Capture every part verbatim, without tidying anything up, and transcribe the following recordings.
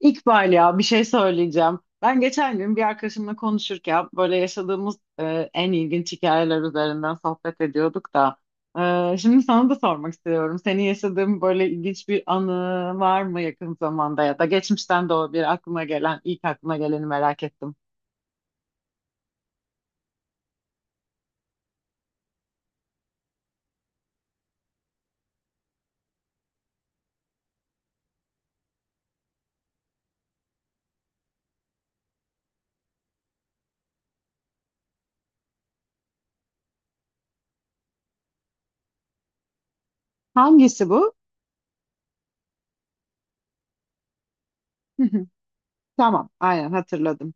İkbal, ya bir şey söyleyeceğim. Ben geçen gün bir arkadaşımla konuşurken böyle yaşadığımız e, en ilginç hikayeler üzerinden sohbet ediyorduk da. E, şimdi sana da sormak istiyorum. Senin yaşadığın böyle ilginç bir anı var mı yakın zamanda ya da geçmişten de olabilir, aklına gelen ilk aklına geleni merak ettim. Hangisi bu? Tamam, aynen hatırladım.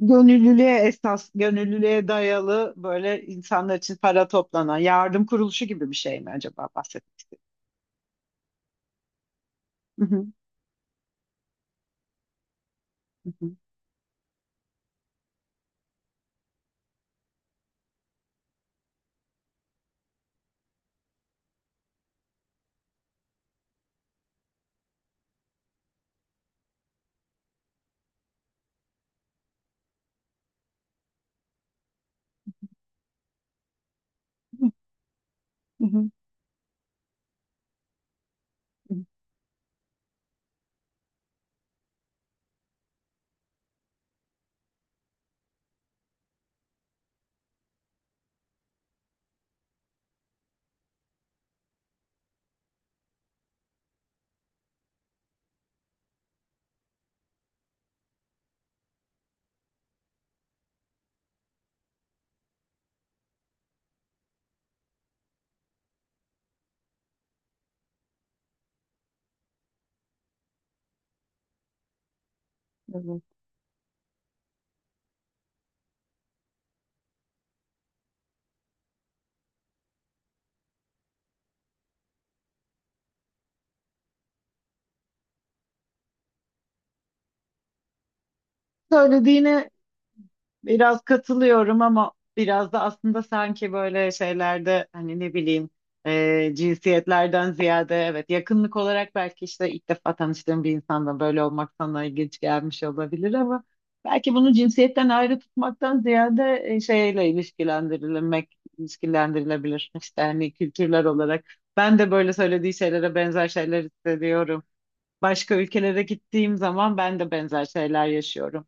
Gönüllülüğe esas, gönüllülüğe dayalı böyle insanlar için para toplanan yardım kuruluşu gibi bir şey mi acaba bahsettim? Hı hı. Hı. Evet. Söylediğine biraz katılıyorum ama biraz da aslında sanki böyle şeylerde hani ne bileyim e, cinsiyetlerden ziyade evet yakınlık olarak belki işte ilk defa tanıştığım bir insanla böyle olmak sana ilginç gelmiş olabilir ama belki bunu cinsiyetten ayrı tutmaktan ziyade e, şeyle ilişkilendirilmek ilişkilendirilebilir işte hani kültürler olarak ben de böyle söylediği şeylere benzer şeyler hissediyorum. Başka ülkelere gittiğim zaman ben de benzer şeyler yaşıyorum.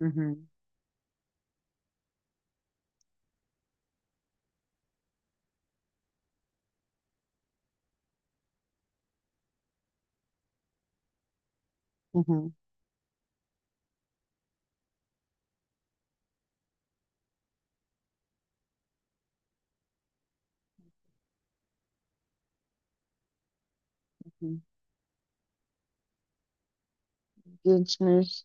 Hı hı. Hı hı. Hı. Gençmiş.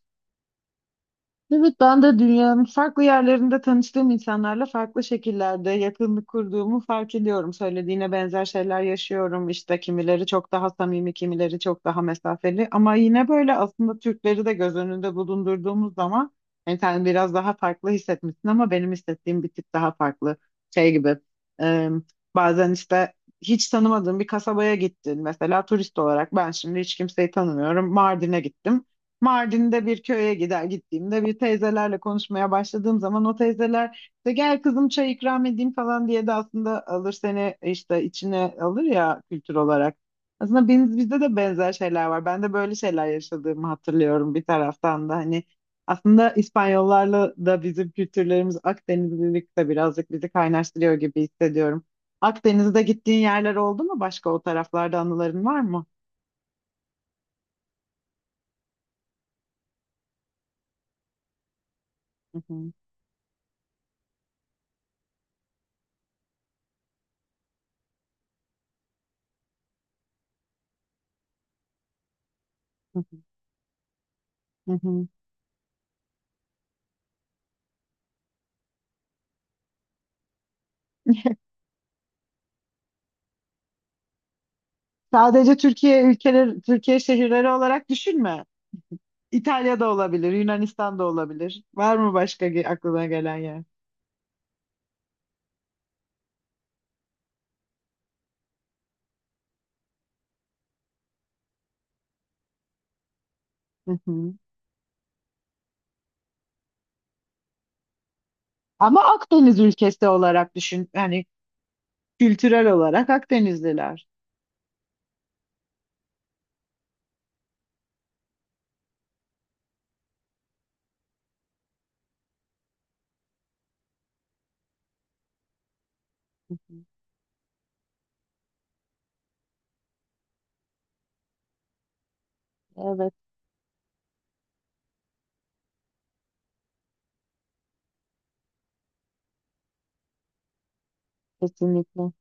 Evet, ben de dünyanın farklı yerlerinde tanıştığım insanlarla farklı şekillerde yakınlık kurduğumu fark ediyorum. Söylediğine benzer şeyler yaşıyorum. İşte kimileri çok daha samimi, kimileri çok daha mesafeli. Ama yine böyle aslında Türkleri de göz önünde bulundurduğumuz zaman yani sen biraz daha farklı hissetmişsin ama benim hissettiğim bir tık daha farklı. Şey gibi, e, bazen işte hiç tanımadığım bir kasabaya gittin. Mesela turist olarak ben şimdi hiç kimseyi tanımıyorum. Mardin'e gittim. Mardin'de bir köye gider gittiğimde bir teyzelerle konuşmaya başladığım zaman o teyzeler işte gel kızım çay ikram edeyim falan diye de aslında alır seni işte içine alır ya, kültür olarak. Aslında biz, bizde de benzer şeyler var. Ben de böyle şeyler yaşadığımı hatırlıyorum bir taraftan da hani aslında İspanyollarla da bizim kültürlerimiz Akdenizlilik de birazcık bizi kaynaştırıyor gibi hissediyorum. Akdeniz'de gittiğin yerler oldu mu? Başka o taraflarda anıların var mı? Hı hı. Hı hı. Hı hı. Sadece Türkiye ülkeleri, Türkiye şehirleri olarak düşünme. İtalya'da olabilir, Yunanistan'da olabilir. Var mı başka ge- aklına gelen yer? Hı hı. Ama Akdeniz ülkesi olarak düşün. Hani kültürel olarak Akdenizliler. Evet, kesinlikle.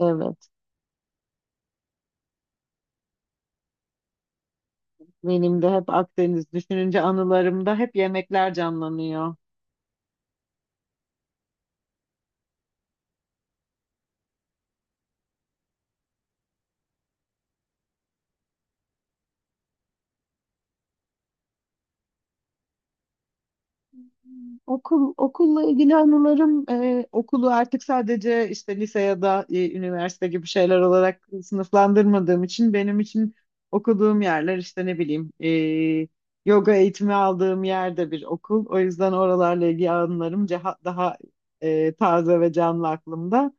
Evet. Benim de hep Akdeniz düşününce anılarımda hep yemekler canlanıyor. Okul, okulla ilgili anılarım, e, okulu artık sadece işte lise ya da e, üniversite gibi şeyler olarak sınıflandırmadığım için benim için okuduğum yerler işte ne bileyim, e, yoga eğitimi aldığım yer de bir okul. O yüzden oralarla ilgili anılarım ceha- daha e, taze ve canlı aklımda.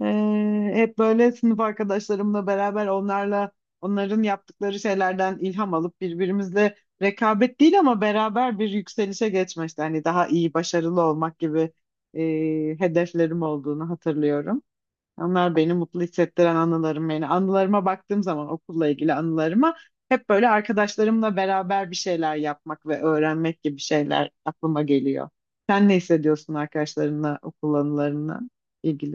Ee, hep böyle sınıf arkadaşlarımla beraber onlarla onların yaptıkları şeylerden ilham alıp birbirimizle rekabet değil ama beraber bir yükselişe geçme işte hani daha iyi başarılı olmak gibi e, hedeflerim olduğunu hatırlıyorum. Onlar beni mutlu hissettiren anılarım, yani anılarıma baktığım zaman okulla ilgili anılarıma hep böyle arkadaşlarımla beraber bir şeyler yapmak ve öğrenmek gibi şeyler aklıma geliyor. Sen ne hissediyorsun arkadaşlarınla okul anılarına ilgili?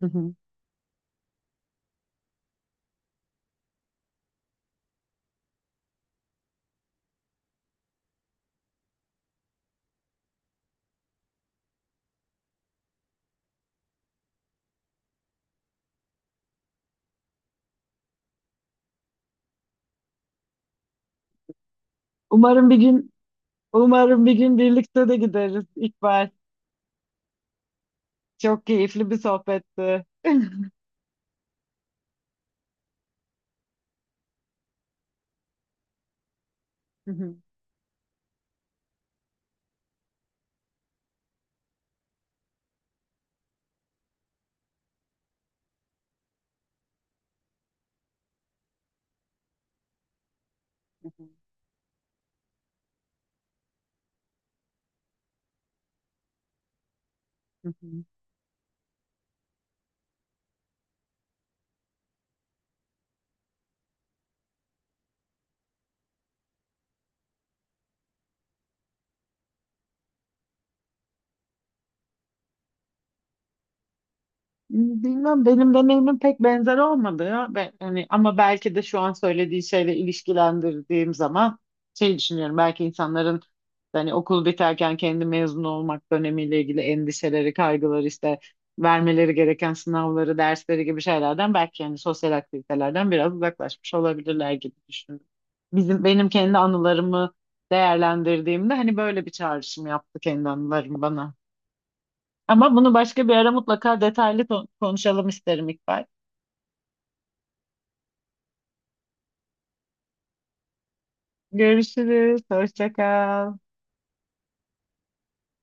Umarım bir gün, umarım bir gün birlikte de gideriz İkbal. Çok keyifli bir sohbetti. Bilmem, benim deneyimim pek benzer olmadı ya. Ben, hani, ama belki de şu an söylediği şeyle ilişkilendirdiğim zaman şey düşünüyorum. Belki insanların hani okul biterken kendi mezun olmak dönemiyle ilgili endişeleri, kaygıları işte vermeleri gereken sınavları, dersleri gibi şeylerden belki yani sosyal aktivitelerden biraz uzaklaşmış olabilirler gibi düşündüm. Bizim, benim kendi anılarımı değerlendirdiğimde hani böyle bir çağrışım yaptı kendi anılarım bana. Ama bunu başka bir ara mutlaka detaylı ko- konuşalım isterim İkbal. Görüşürüz. Hoşça kal.